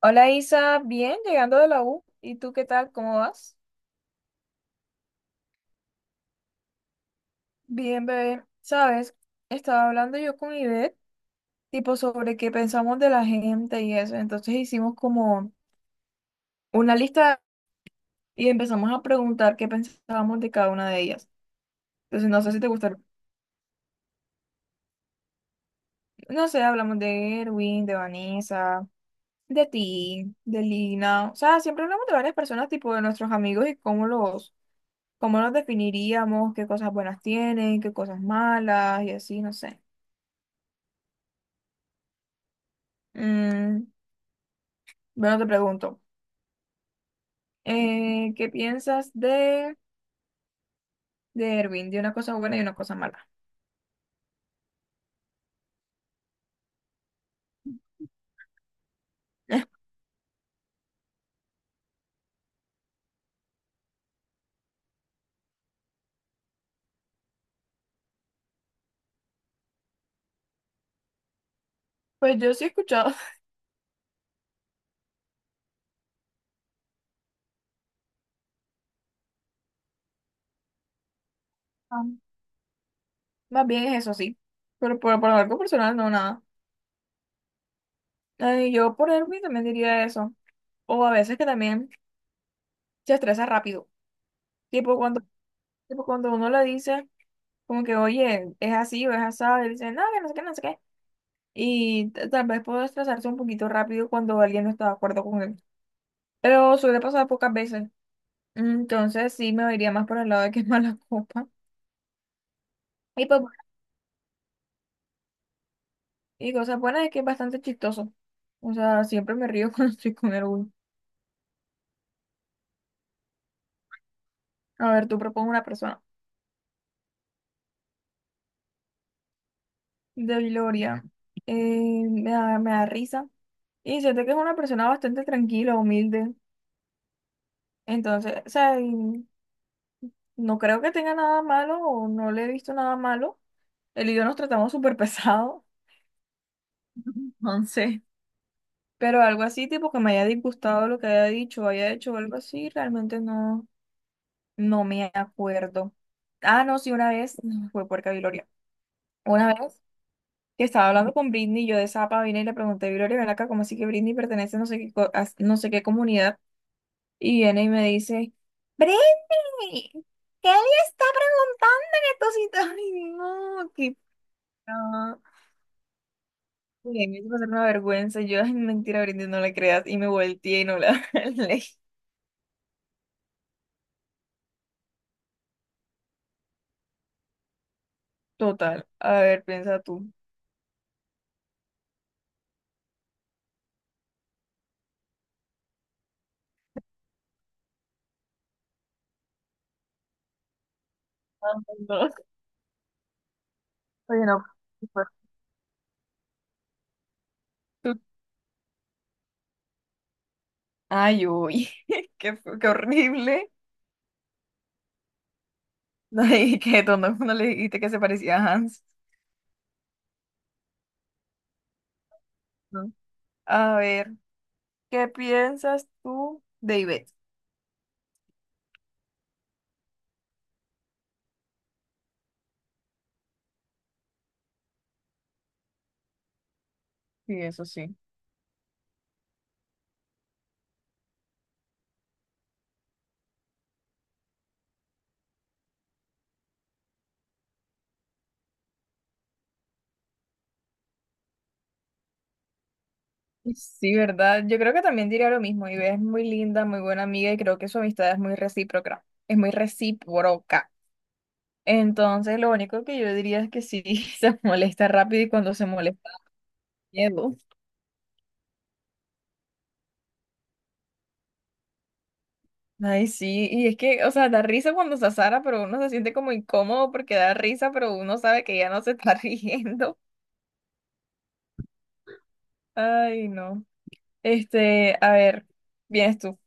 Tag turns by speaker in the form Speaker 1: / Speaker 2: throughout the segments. Speaker 1: Hola Isa, bien, llegando de la U. ¿Y tú qué tal? ¿Cómo vas? Bien, bebé. Sabes, estaba hablando yo con Ivette, tipo sobre qué pensamos de la gente y eso. Entonces hicimos como una lista y empezamos a preguntar qué pensábamos de cada una de ellas. Entonces no sé si te gustaron. No sé, hablamos de Erwin, de Vanessa, de ti, de Lina. O sea, siempre hablamos de varias personas, tipo de nuestros amigos y cómo los definiríamos, qué cosas buenas tienen, qué cosas malas y así, no sé. Mm, bueno, te pregunto, ¿qué piensas de Erwin? De una cosa buena y una cosa mala. Pues yo sí he escuchado. Ah, más bien es eso sí, pero por algo personal no nada. Ay, yo por Erwin también diría eso, o a veces que también se estresa rápido, tipo cuando, tipo cuando uno le dice como que, oye, es así o es asado, y dice, no, que no sé qué, no sé qué, y tal vez puedo estresarse un poquito rápido cuando alguien no está de acuerdo con él, pero suele pasar pocas veces. Entonces sí me iría más por el lado de que es mala copa. Y, pues, cosa buena es que es bastante chistoso. O sea, siempre me río cuando estoy con el Will. A ver, tú propones una persona de Gloria. Me da risa. Y siento que es una persona bastante tranquila, humilde. Entonces, o sea, y no creo que tenga nada malo o no le he visto nada malo. Él y yo nos tratamos súper pesado. Entonces, pero algo así, tipo que me haya disgustado lo que haya dicho o haya hecho o algo así, realmente no. No me acuerdo. Ah, no, sí, una vez, no, fue puerca Viloria. Una vez que estaba hablando con Britney, yo de Zapa vine y le pregunté, Viloria, ven acá, ¿cómo así que Britney pertenece a no sé qué, a no sé qué comunidad? Y viene y me dice, Britney, ¿qué le está preguntando en estos sitios? Ay, no, qué pena. Uy, me hizo pasar una vergüenza. Yo, ay, mentira, Britney, no la creas. Y me volteé y no la leí. Total. A ver, piensa tú. Ah, no. Oye, no. Ay, uy, qué, qué horrible. No le dije, que no, no le dijiste que se parecía a Hans. ¿No? A ver, ¿qué piensas tú de Ivette? Sí, eso sí. Sí, ¿verdad? Yo creo que también diría lo mismo. Ivette es muy linda, muy buena amiga y creo que su amistad es muy recíproca. Es muy recíproca. Entonces, lo único que yo diría es que sí, se molesta rápido y cuando se molesta, miedo. Ay, sí, y es que, o sea, da risa cuando se azara, pero uno se siente como incómodo porque da risa, pero uno sabe que ya no se está riendo. Ay, no. Este, a ver, vienes tú.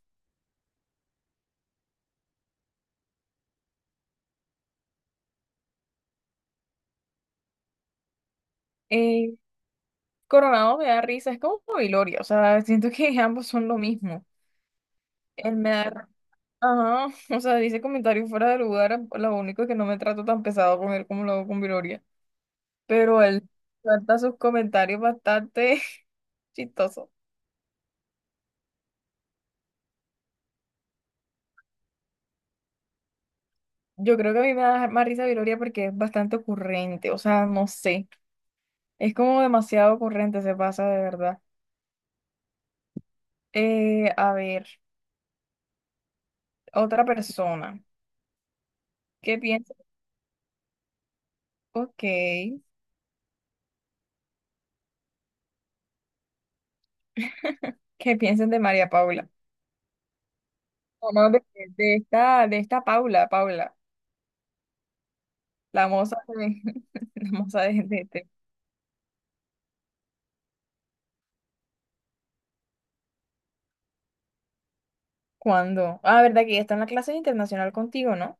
Speaker 1: Eh, Coronado me da risa, es como Hilorio, o sea, siento que ambos son lo mismo. Él me da, ajá, o sea, dice comentarios fuera de lugar, lo único es que no me trato tan pesado con él como lo hago con Viloria, pero él suelta sus comentarios bastante chistosos. Yo creo que a mí me da más risa Viloria porque es bastante ocurrente, o sea, no sé, es como demasiado ocurrente, se pasa de verdad. A ver, otra persona, ¿qué piensan? Ok, ¿qué piensan de María Paula? O no, de esta Paula, la moza la moza de. ¿Cuándo? Ah, verdad que ella está en la clase internacional contigo, ¿no?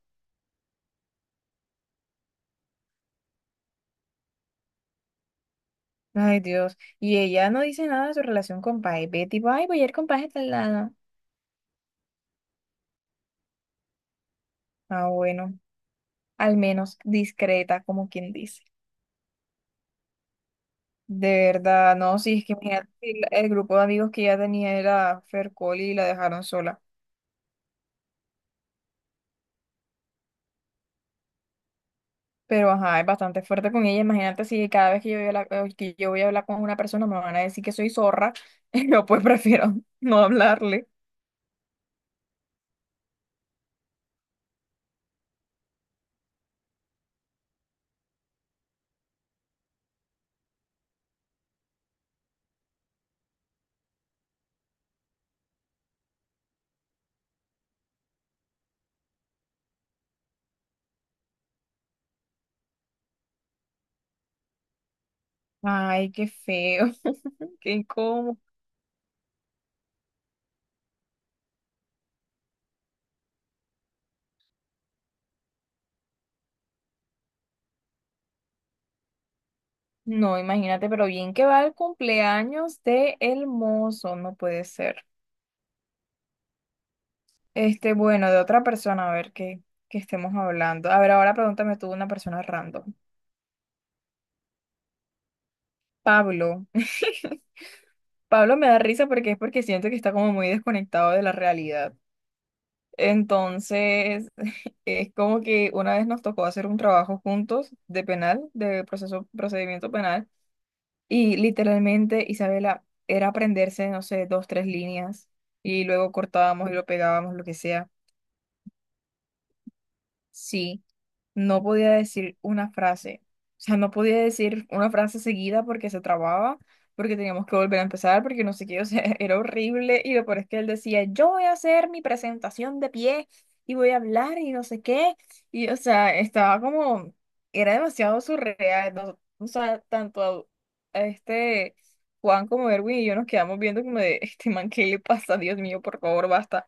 Speaker 1: Ay, Dios, y ella no dice nada de su relación con Pai, Betty, ay, voy a ir con Pai hasta el lado. Ah, bueno. Al menos discreta, como quien dice. De verdad, no, sí, es que mira, el grupo de amigos que ella tenía era Fercoli y la dejaron sola. Pero ajá, es bastante fuerte con ella. Imagínate si cada vez que yo voy a hablar, que yo voy a hablar con una persona me van a decir que soy zorra. Yo pues prefiero no hablarle. Ay, qué feo, qué incómodo. No, imagínate, pero bien que va el cumpleaños de El Mozo, no puede ser. Este, bueno, de otra persona, a ver qué estemos hablando. A ver, ahora pregúntame tú una persona random. Pablo. Pablo me da risa porque siento que está como muy desconectado de la realidad. Entonces, es como que una vez nos tocó hacer un trabajo juntos de penal, de procedimiento penal, y literalmente Isabela era aprenderse, no sé, dos, tres líneas, y luego cortábamos y lo pegábamos, lo que sea. Sí. No podía decir una frase. O sea, no podía decir una frase seguida porque se trababa, porque teníamos que volver a empezar, porque no sé qué, o sea, era horrible. Y lo peor es que él decía, yo voy a hacer mi presentación de pie y voy a hablar y no sé qué. Y, o sea, estaba como, era demasiado surreal. O sea, tanto a este Juan como Erwin y yo nos quedamos viendo como de, este man, ¿qué le pasa? Dios mío, por favor, basta.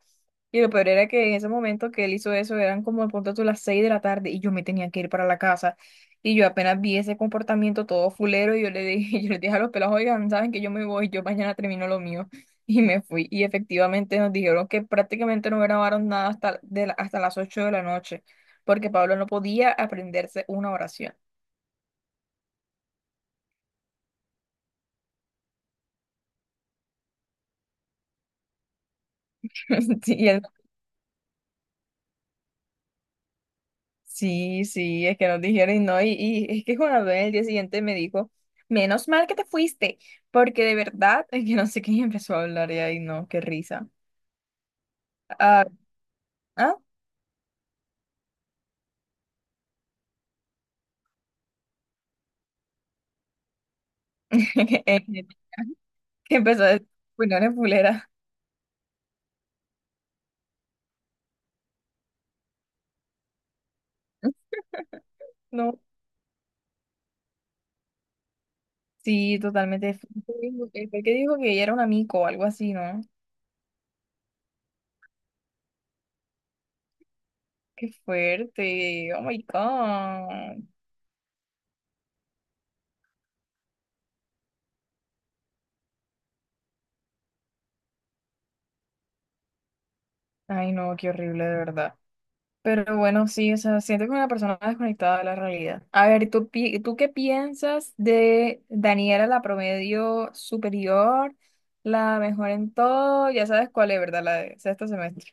Speaker 1: Y lo peor era que en ese momento que él hizo eso eran como de pronto a las 6 de la tarde y yo me tenía que ir para la casa. Y yo apenas vi ese comportamiento todo fulero y yo le dije, yo les dije a los pelados, oigan, saben que yo me voy, yo mañana termino lo mío. Y me fui. Y efectivamente nos dijeron que prácticamente no grabaron nada hasta las 8 de la noche, porque Pablo no podía aprenderse una oración. Sí, y él Sí, sí, es que nos dijeron y no, y es que Juan Abel el día siguiente me dijo, menos mal que te fuiste, porque de verdad, es que no sé quién empezó a hablar y ahí no, qué risa. Ah, ah, que empezó a decir, pues no eres fulera. No, sí, totalmente. Fue el que dijo que ella era un amigo o algo así, ¿no? Qué fuerte, oh my God. Ay, no, qué horrible, de verdad. Pero bueno, sí, o sea, siento que una persona desconectada de la realidad. A ver, ¿tú, tú qué piensas de Daniela, la promedio superior, la mejor en todo? Ya sabes cuál es, ¿verdad? La de sexto semestre.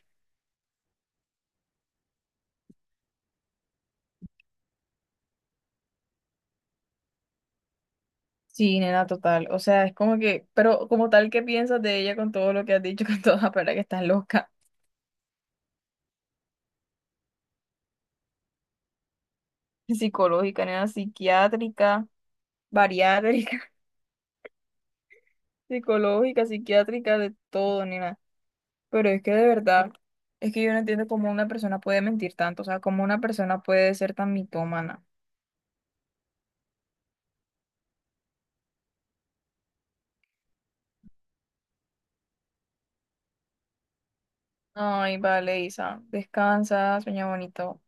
Speaker 1: Sí, nena, total. O sea, es como que, pero como tal, ¿qué piensas de ella con todo lo que has dicho, con toda la palabra que estás loca? Psicológica, nena, psiquiátrica, bariátrica, psicológica, psiquiátrica, de todo, nena. Pero es que de verdad, es que yo no entiendo cómo una persona puede mentir tanto, o sea, cómo una persona puede ser tan mitómana. Ay, vale, Isa, descansa, sueña bonito.